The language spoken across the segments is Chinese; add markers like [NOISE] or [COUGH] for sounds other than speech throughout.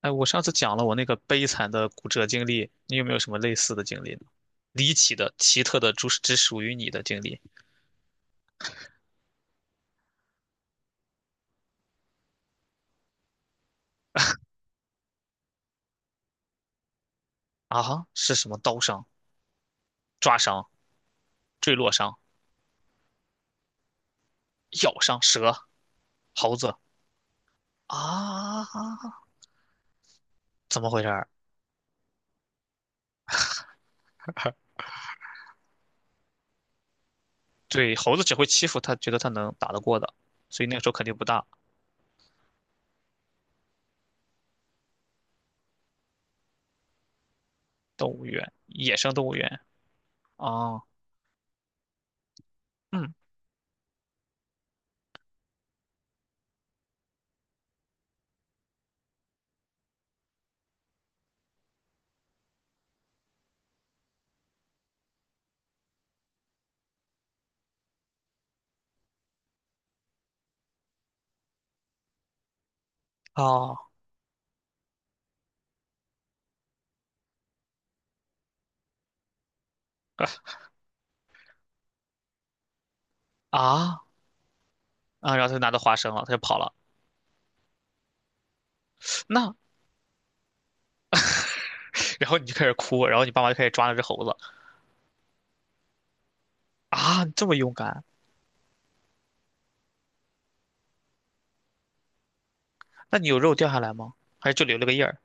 哎，我上次讲了我那个悲惨的骨折经历，你有没有什么类似的经历呢？离奇的、奇特的，只属于你的经历。啊哈？是什么刀伤、抓伤、坠落伤、咬伤、蛇、猴子啊？怎么回事儿？对，猴子只会欺负他，觉得他能打得过的，所以那个时候肯定不大。动物园，野生动物园啊。嗯。哦。啊啊，然后他就拿到花生了，他就跑了。那，然后你就开始哭，然后你爸妈就开始抓那只猴子。啊，你这么勇敢。那你有肉掉下来吗？还是就留了个印儿？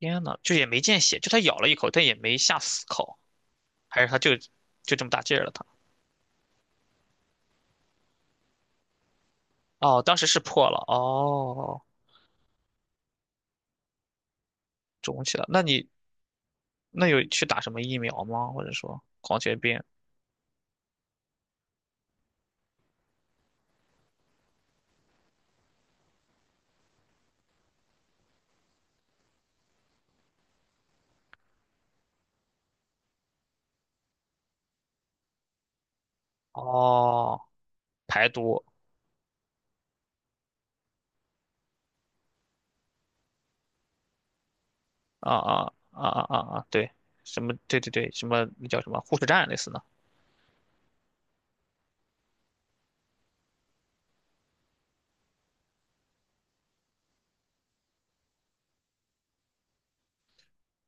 天呐，就也没见血，就它咬了一口，但也没下死口，还是它就就这么大劲儿了它？哦，当时是破了，哦，肿起来。那你那有去打什么疫苗吗？或者说狂犬病？哦，排毒。啊啊啊啊啊啊！对，什么？对对对，什么那叫什么护士站类似的？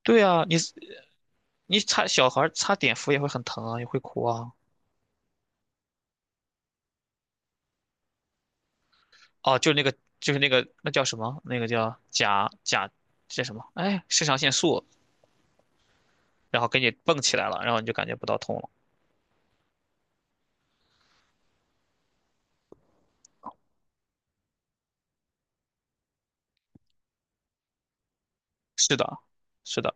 对啊，你擦小孩儿擦碘伏也会很疼啊，也会哭啊。哦，就是那个，就是那个，那叫什么？那个叫甲叫什么？哎，肾上腺素，然后给你蹦起来了，然后你就感觉不到痛了。是的，是的。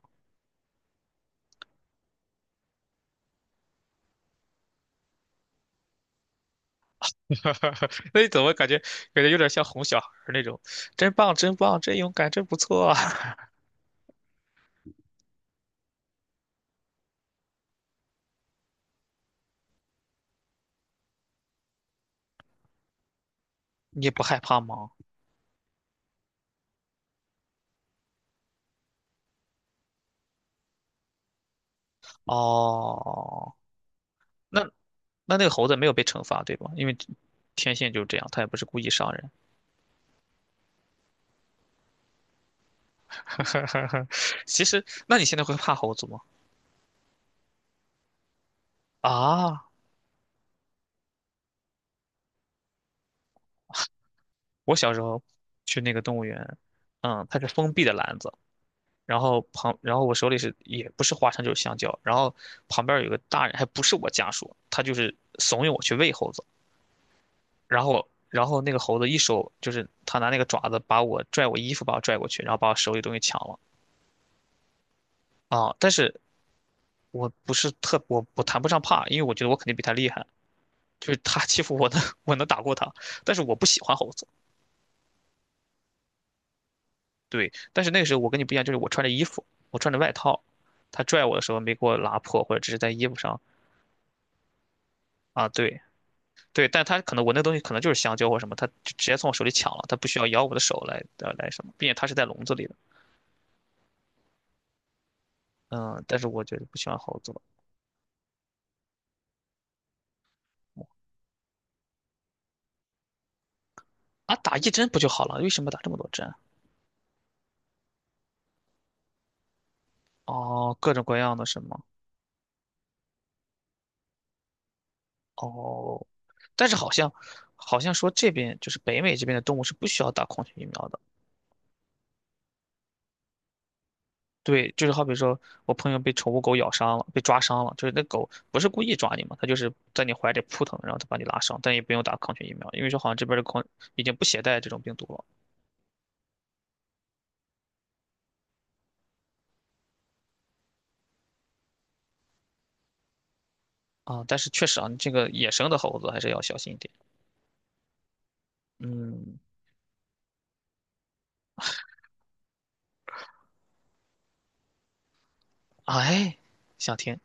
[LAUGHS] 那你怎么感觉感觉有点像哄小孩儿那种？真棒，真棒，真勇敢，真不错。 [LAUGHS] 你也不害怕吗？哦，那那那个猴子没有被惩罚，对吧？因为天性就是这样，它也不是故意伤人。[LAUGHS] 其实，那你现在会怕猴子吗？啊，我小时候去那个动物园，嗯，它是封闭的篮子，然后旁，然后我手里是也不是花生就是香蕉，然后旁边有个大人，还不是我家属，他就是怂恿我去喂猴子，然后那个猴子一手就是他拿那个爪子把我拽我衣服把我拽过去，然后把我手里东西抢了。啊，但是我不是特我我谈不上怕，因为我觉得我肯定比他厉害，就是他欺负我的 [LAUGHS] 我能打过他，但是我不喜欢猴子。对，但是那个时候我跟你不一样，就是我穿着衣服，我穿着外套，他拽我的时候没给我拉破，或者只是在衣服上。啊，对对，但他可能我那东西可能就是香蕉或什么，他直接从我手里抢了，他不需要咬我的手来来什么，并且他是在笼子里的。嗯，但是我觉得不喜欢猴子了。啊，打一针不就好了？为什么打这么多针啊？哦，各种各样的什么。哦，但是好像说这边就是北美这边的动物是不需要打狂犬疫苗的。对，就是好比说，我朋友被宠物狗咬伤了，被抓伤了，就是那狗不是故意抓你嘛，它就是在你怀里扑腾，然后它把你拉伤，但也不用打狂犬疫苗，因为说好像这边的狂已经不携带这种病毒了。啊。但是确实啊，你这个野生的猴子还是要小心一点。嗯，哎，想听。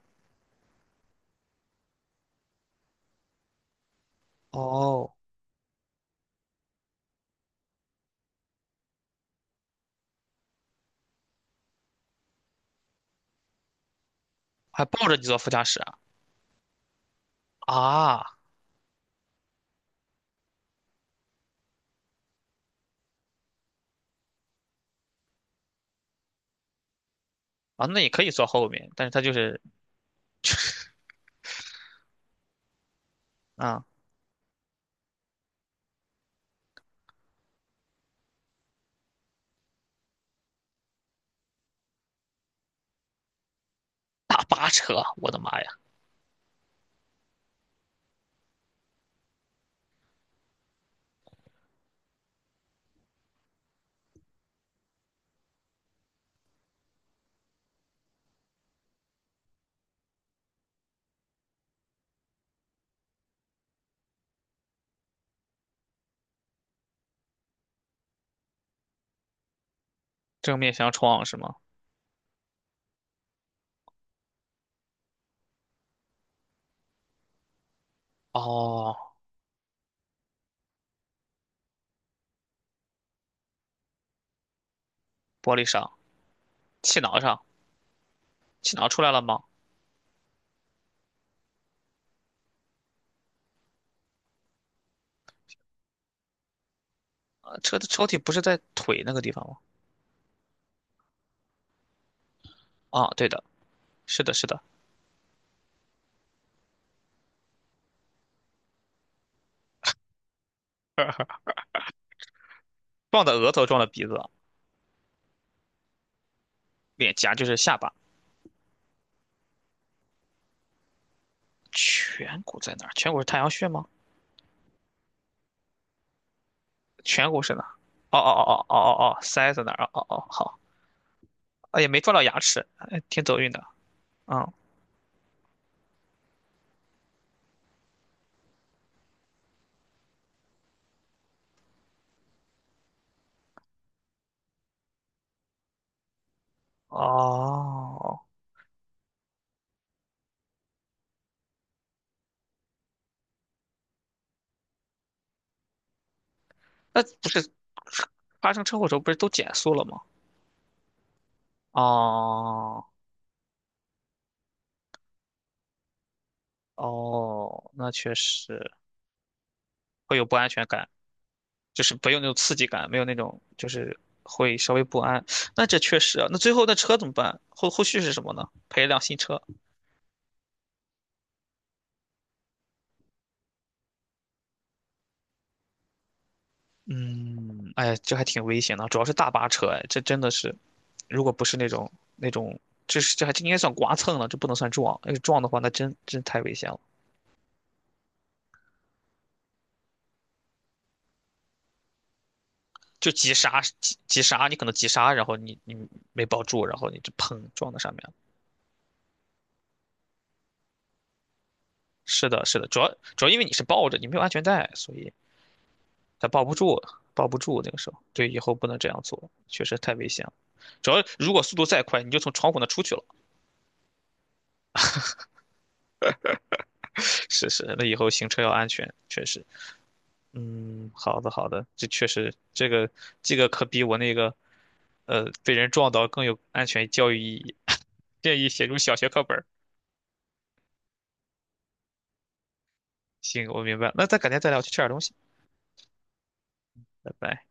哦，还抱着你坐副驾驶啊。啊，啊，那也可以坐后面，但是它就是。啊、大巴车，我的妈呀，正面相撞是吗？哦，玻璃上，气囊上，气囊出来了吗？车的抽屉不是在腿那个地方吗？啊，对的，是的，是的，撞的额头，撞的鼻子，脸颊就是下巴，颧骨在哪儿？颧骨是太阳穴吗？颧骨是哪儿。哦哦哦哦哦哦哦，腮在哪儿？哦哦哦，好，啊也没撞到牙齿，哎，挺走运的。嗯，哦，那不是发生车祸的时候不是都减速了吗？哦哦，那确实会有不安全感。就是不用那种刺激感，没有那种就是会稍微不安。那这确实啊，那最后那车怎么办？后续是什么呢？赔一辆新车。嗯，哎呀，这还挺危险的啊，主要是大巴车，哎，这真的是，如果不是那种，这是这还这应该算刮蹭了，这不能算撞，要是撞的话，那真真太危险了。就急刹，急刹，你可能急刹，然后你没抱住，然后你就砰撞到上面了。是的，是的，主要因为你是抱着，你没有安全带，所以他抱不住，抱不住那个时候。对，以后不能这样做，确实太危险了。主要如果速度再快，你就从窗户那出去了。[LAUGHS] 是是，那以后行车要安全，确实。嗯，好的好的，这确实这个可比我那个，被人撞到更有安全教育意义。[LAUGHS] 建议写入小学课本儿。行，我明白了。那咱改天再聊，我去吃点东西，拜拜。